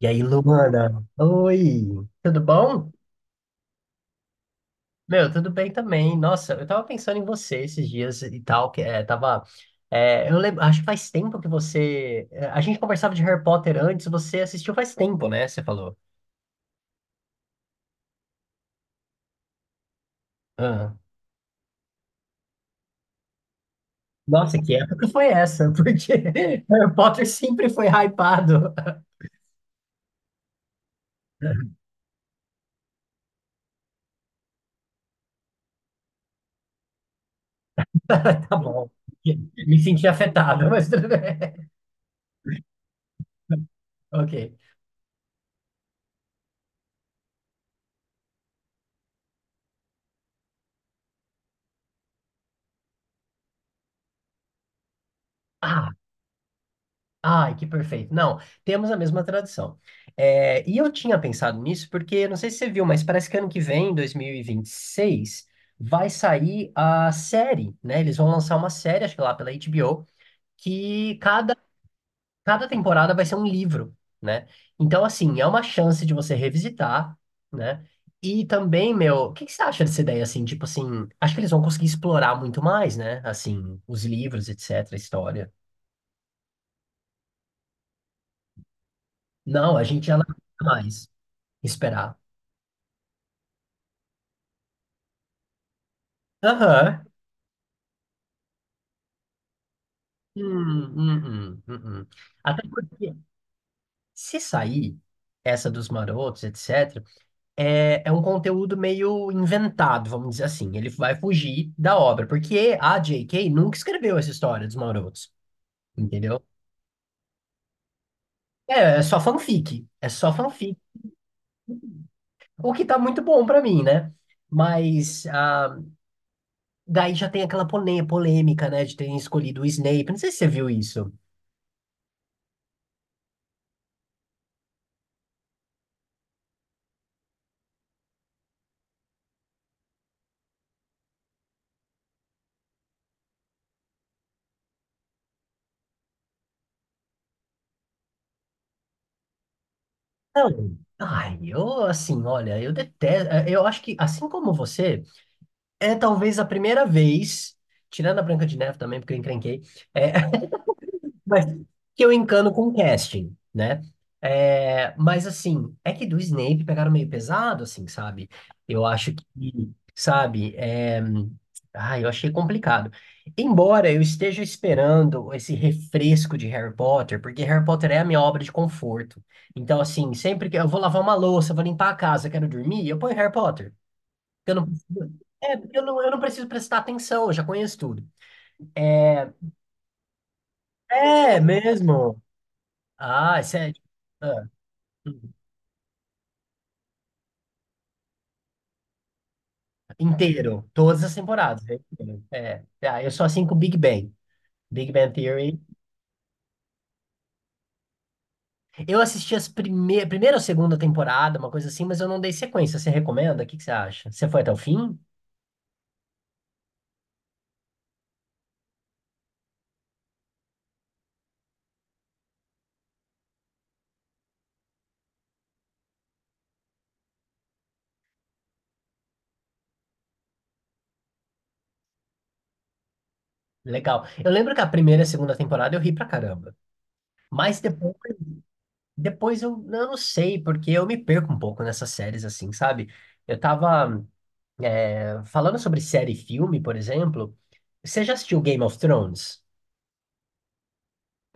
E aí, Luana? Oi, tudo bom? Meu, tudo bem também. Nossa, eu tava pensando em você esses dias e tal, que é, tava. Eu lembro, acho que faz tempo que você. A gente conversava de Harry Potter antes, você assistiu faz tempo, né? Você falou. Ah. Nossa, que época foi essa? Porque Harry Potter sempre foi hypado. Tá bom. Me senti afetado, mas tudo bem. Ok. Ah, ai, que perfeito. Não, temos a mesma tradição. É, e eu tinha pensado nisso porque, não sei se você viu, mas parece que ano que vem, 2026, vai sair a série, né? Eles vão lançar uma série, acho que lá pela HBO, que cada temporada vai ser um livro, né? Então, assim, é uma chance de você revisitar, né? E também, meu, o que que você acha dessa ideia, assim? Tipo assim, acho que eles vão conseguir explorar muito mais, né? Assim, os livros, etc., a história. Não, a gente já não mais. Esperar. Aham. Hum, hum, hum, hum, hum. Até porque, se sair essa dos marotos, etc., é um conteúdo meio inventado, vamos dizer assim. Ele vai fugir da obra, porque a J.K. nunca escreveu essa história dos marotos, entendeu? É só fanfic. É só fanfic. O que tá muito bom pra mim, né? Mas daí já tem aquela polêmica, né, de terem escolhido o Snape. Não sei se você viu isso. Não, ai, eu assim, olha, eu detesto. Eu acho que, assim como você, é talvez a primeira vez, tirando a Branca de Neve também, porque eu encrenquei, é mas que eu encano com o casting, né? É, mas assim, é que do Snape pegaram meio pesado, assim, sabe? Eu acho que, sabe, eu achei complicado. Embora eu esteja esperando esse refresco de Harry Potter, porque Harry Potter é a minha obra de conforto. Então, assim, sempre que eu vou lavar uma louça, vou limpar a casa, quero dormir, eu ponho Harry Potter. Eu não preciso... É, eu não preciso prestar atenção, eu já conheço tudo. É, é mesmo. Ah, é sério? Ah, hum. Inteiro. Todas as temporadas. É inteiro. É. Ah, eu sou assim com Big Bang. Big Bang Theory. Eu assisti as primeira ou segunda temporada, uma coisa assim, mas eu não dei sequência. Você recomenda? O que que você acha? Você foi até o fim? Legal. Eu lembro que a primeira e a segunda temporada eu ri pra caramba. Mas depois eu não sei, porque eu me perco um pouco nessas séries, assim, sabe? Eu tava, falando sobre série e filme, por exemplo. Você já assistiu Game of Thrones?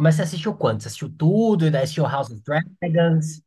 Mas você assistiu quanto? Você assistiu tudo e daí assistiu House of Dragons?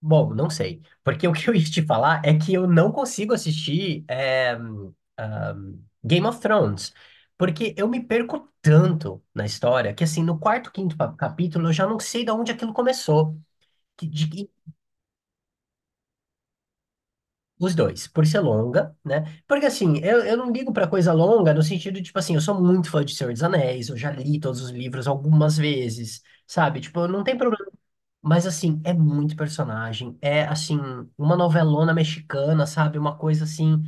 Bom, não sei. Porque o que eu ia te falar é que eu não consigo assistir ahm, Game of Thrones. Porque eu me perco tanto na história que, assim, no quarto, quinto capítulo eu já não sei de onde aquilo começou. Que- de que- os dois, por ser longa, né? Porque, assim, eu não ligo pra coisa longa no sentido, tipo assim, eu sou muito fã de Senhor dos Anéis, eu já li todos os livros algumas vezes, sabe? Tipo, não tem. Mas assim, é muito personagem. É assim, uma novelona mexicana, sabe? Uma coisa assim.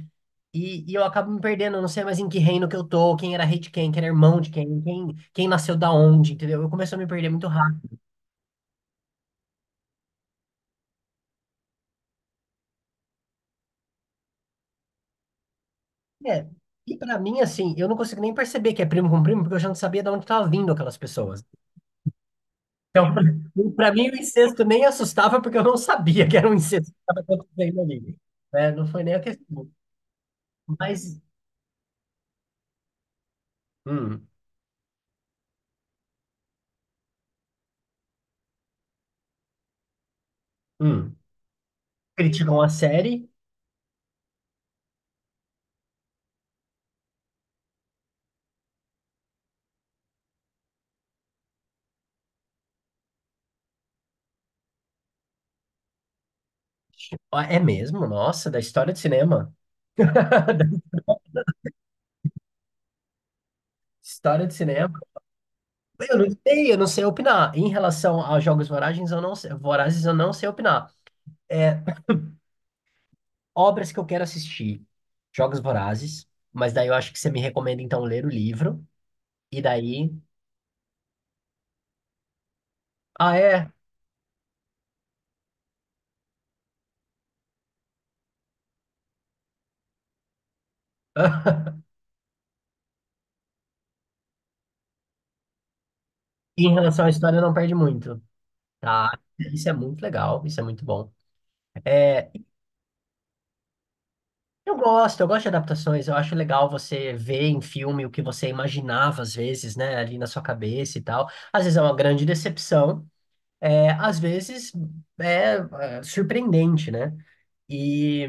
E eu acabo me perdendo, eu não sei mais em que reino que eu tô, quem era rei de quem, quem era irmão de quem, quem nasceu da onde, entendeu? Eu começo a me perder muito rápido. É, e pra mim, assim, eu não consigo nem perceber que é primo com primo, porque eu já não sabia de onde tava vindo aquelas pessoas. Então, pra mim, o incesto nem assustava, porque eu não sabia que era um incesto que estava acontecendo ali. Né? Não foi nem a questão. Mas, hum, hum, criticam a série. Ah, é mesmo? Nossa, da história de cinema. História de cinema. Eu não sei opinar. Em relação a jogos vorazes, eu não sei, vorazes, eu não sei opinar. É, obras que eu quero assistir. Jogos Vorazes, mas daí eu acho que você me recomenda então ler o livro. E daí. Ah, é? Em relação à história, não perde muito. Tá. Isso é muito legal, isso é muito bom. Eu gosto de adaptações. Eu acho legal você ver em filme o que você imaginava, às vezes, né, ali na sua cabeça e tal. Às vezes é uma grande decepção, às vezes é, surpreendente, né? E,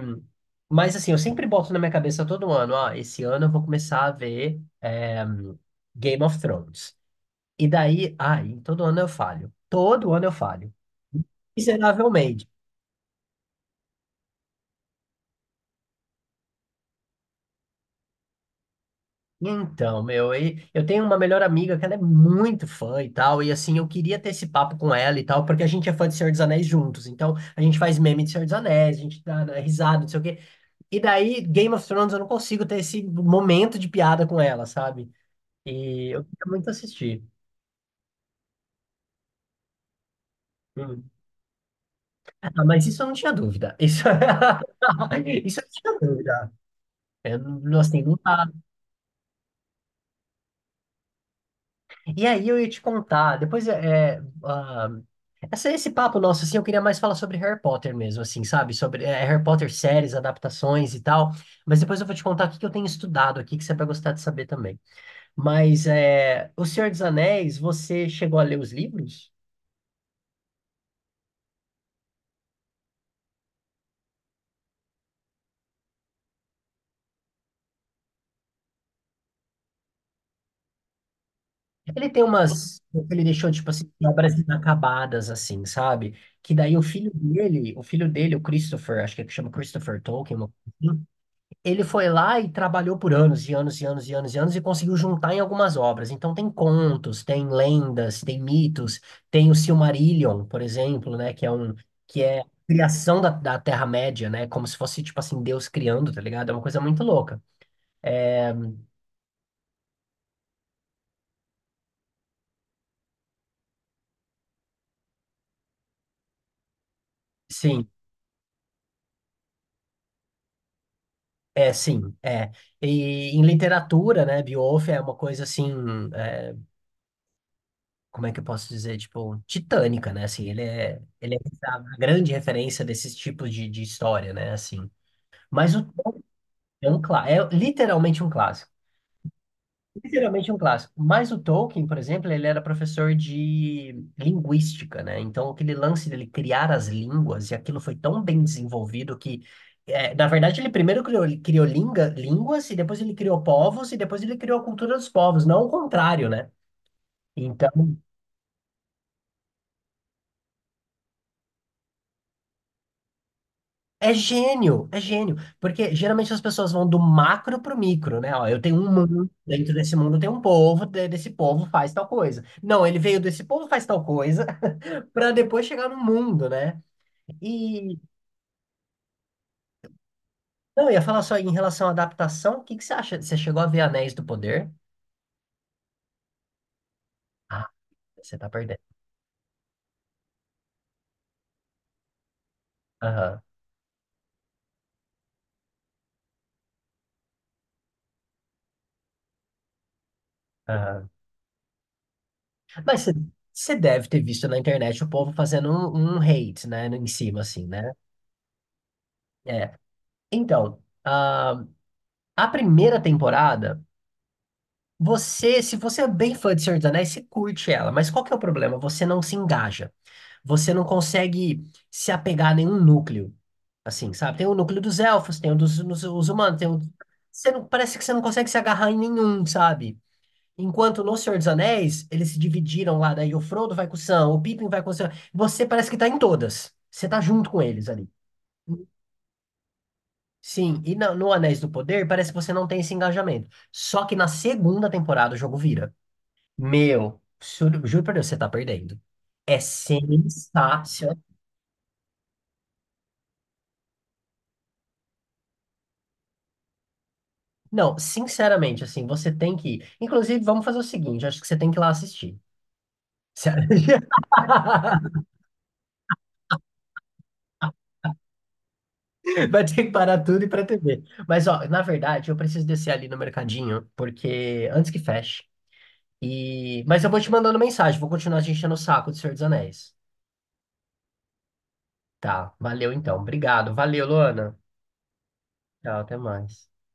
mas assim, eu sempre boto na minha cabeça todo ano, ah, esse ano eu vou começar a ver Game of Thrones. E daí, ai, todo ano eu falho. Todo ano eu falho. Miseravelmente. Então, meu, eu tenho uma melhor amiga que ela é muito fã e tal, e assim, eu queria ter esse papo com ela e tal, porque a gente é fã de Senhor dos Anéis juntos, então a gente faz meme de Senhor dos Anéis, a gente dá, né, risada, não sei o quê, e daí Game of Thrones eu não consigo ter esse momento de piada com ela, sabe? E eu queria muito assistir. Hum. Ah, mas isso eu não tinha dúvida, isso, isso eu não tinha dúvida, eu, não- assim, não dá. E aí eu ia te contar, depois esse papo nosso, assim, eu queria mais falar sobre Harry Potter mesmo, assim, sabe? Sobre Harry Potter séries, adaptações e tal. Mas depois eu vou te contar o que que eu tenho estudado aqui, que você vai gostar de saber também. Mas, o Senhor dos Anéis, você chegou a ler os livros? Ele tem umas... Ele deixou, tipo assim, obras inacabadas, assim, sabe? Que daí o filho dele, o Christopher, acho que é que chama Christopher Tolkien, uma coisa assim. Ele foi lá e trabalhou por anos e anos e anos e anos e anos e conseguiu juntar em algumas obras. Então tem contos, tem lendas, tem mitos, tem o Silmarillion, por exemplo, né, que é a criação da, da Terra-média, né, como se fosse tipo assim Deus criando, tá ligado? É uma coisa muito louca. É, sim, é sim, é. E em literatura, né, Beowulf é uma coisa assim, é, como é que eu posso dizer, tipo, titânica, né? Assim, ele é a grande referência desses tipos de história, né, assim. Mas o É um clá- É literalmente um clássico. Literalmente um clássico. Mas o Tolkien, por exemplo, ele era professor de linguística, né? Então, aquele lance dele criar as línguas, e aquilo foi tão bem desenvolvido que, na verdade, ele primeiro criou, criou línguas, e depois ele criou povos, e depois ele criou a cultura dos povos, não o contrário, né? Então, é gênio, é gênio. Porque geralmente as pessoas vão do macro pro micro, né? Ó, eu tenho um mundo, dentro desse mundo tem um povo, desse povo faz tal coisa. Não, ele veio desse povo faz tal coisa, para depois chegar no mundo, né? E não, eu ia falar só em relação à adaptação, o que que você acha? Você chegou a ver Anéis do Poder? Ah, você tá perdendo. Aham, aham. Mas você deve ter visto na internet o povo fazendo um hate, né? Em cima, assim, né? É. Então, a primeira temporada. Você, se você é bem fã de Senhor dos Anéis, você curte ela, mas qual que é o problema? Você não se engaja. Você não consegue se apegar a nenhum núcleo. Assim, sabe? Tem o núcleo dos elfos, tem o dos, os humanos, tem o... Você não, parece que você não consegue se agarrar em nenhum, sabe? Enquanto no Senhor dos Anéis, eles se dividiram lá, daí o Frodo vai com o Sam, o Pippin vai com o Sam. Você parece que tá em todas. Você tá junto com eles ali. Sim, e no Anéis do Poder parece que você não tem esse engajamento. Só que na segunda temporada o jogo vira. Meu, juro, juro pra Deus, você tá perdendo. É sensacional. Não, sinceramente, assim, você tem que ir. Inclusive, vamos fazer o seguinte, acho que você tem que ir lá assistir. Sério. Vai ter que parar tudo e ir pra TV. Mas, ó, na verdade, eu preciso descer ali no mercadinho, porque antes que feche. E... Mas eu vou te mandando mensagem, vou continuar te enchendo o saco do Senhor dos Anéis. Tá, valeu então. Obrigado. Valeu, Luana. Tchau, até mais.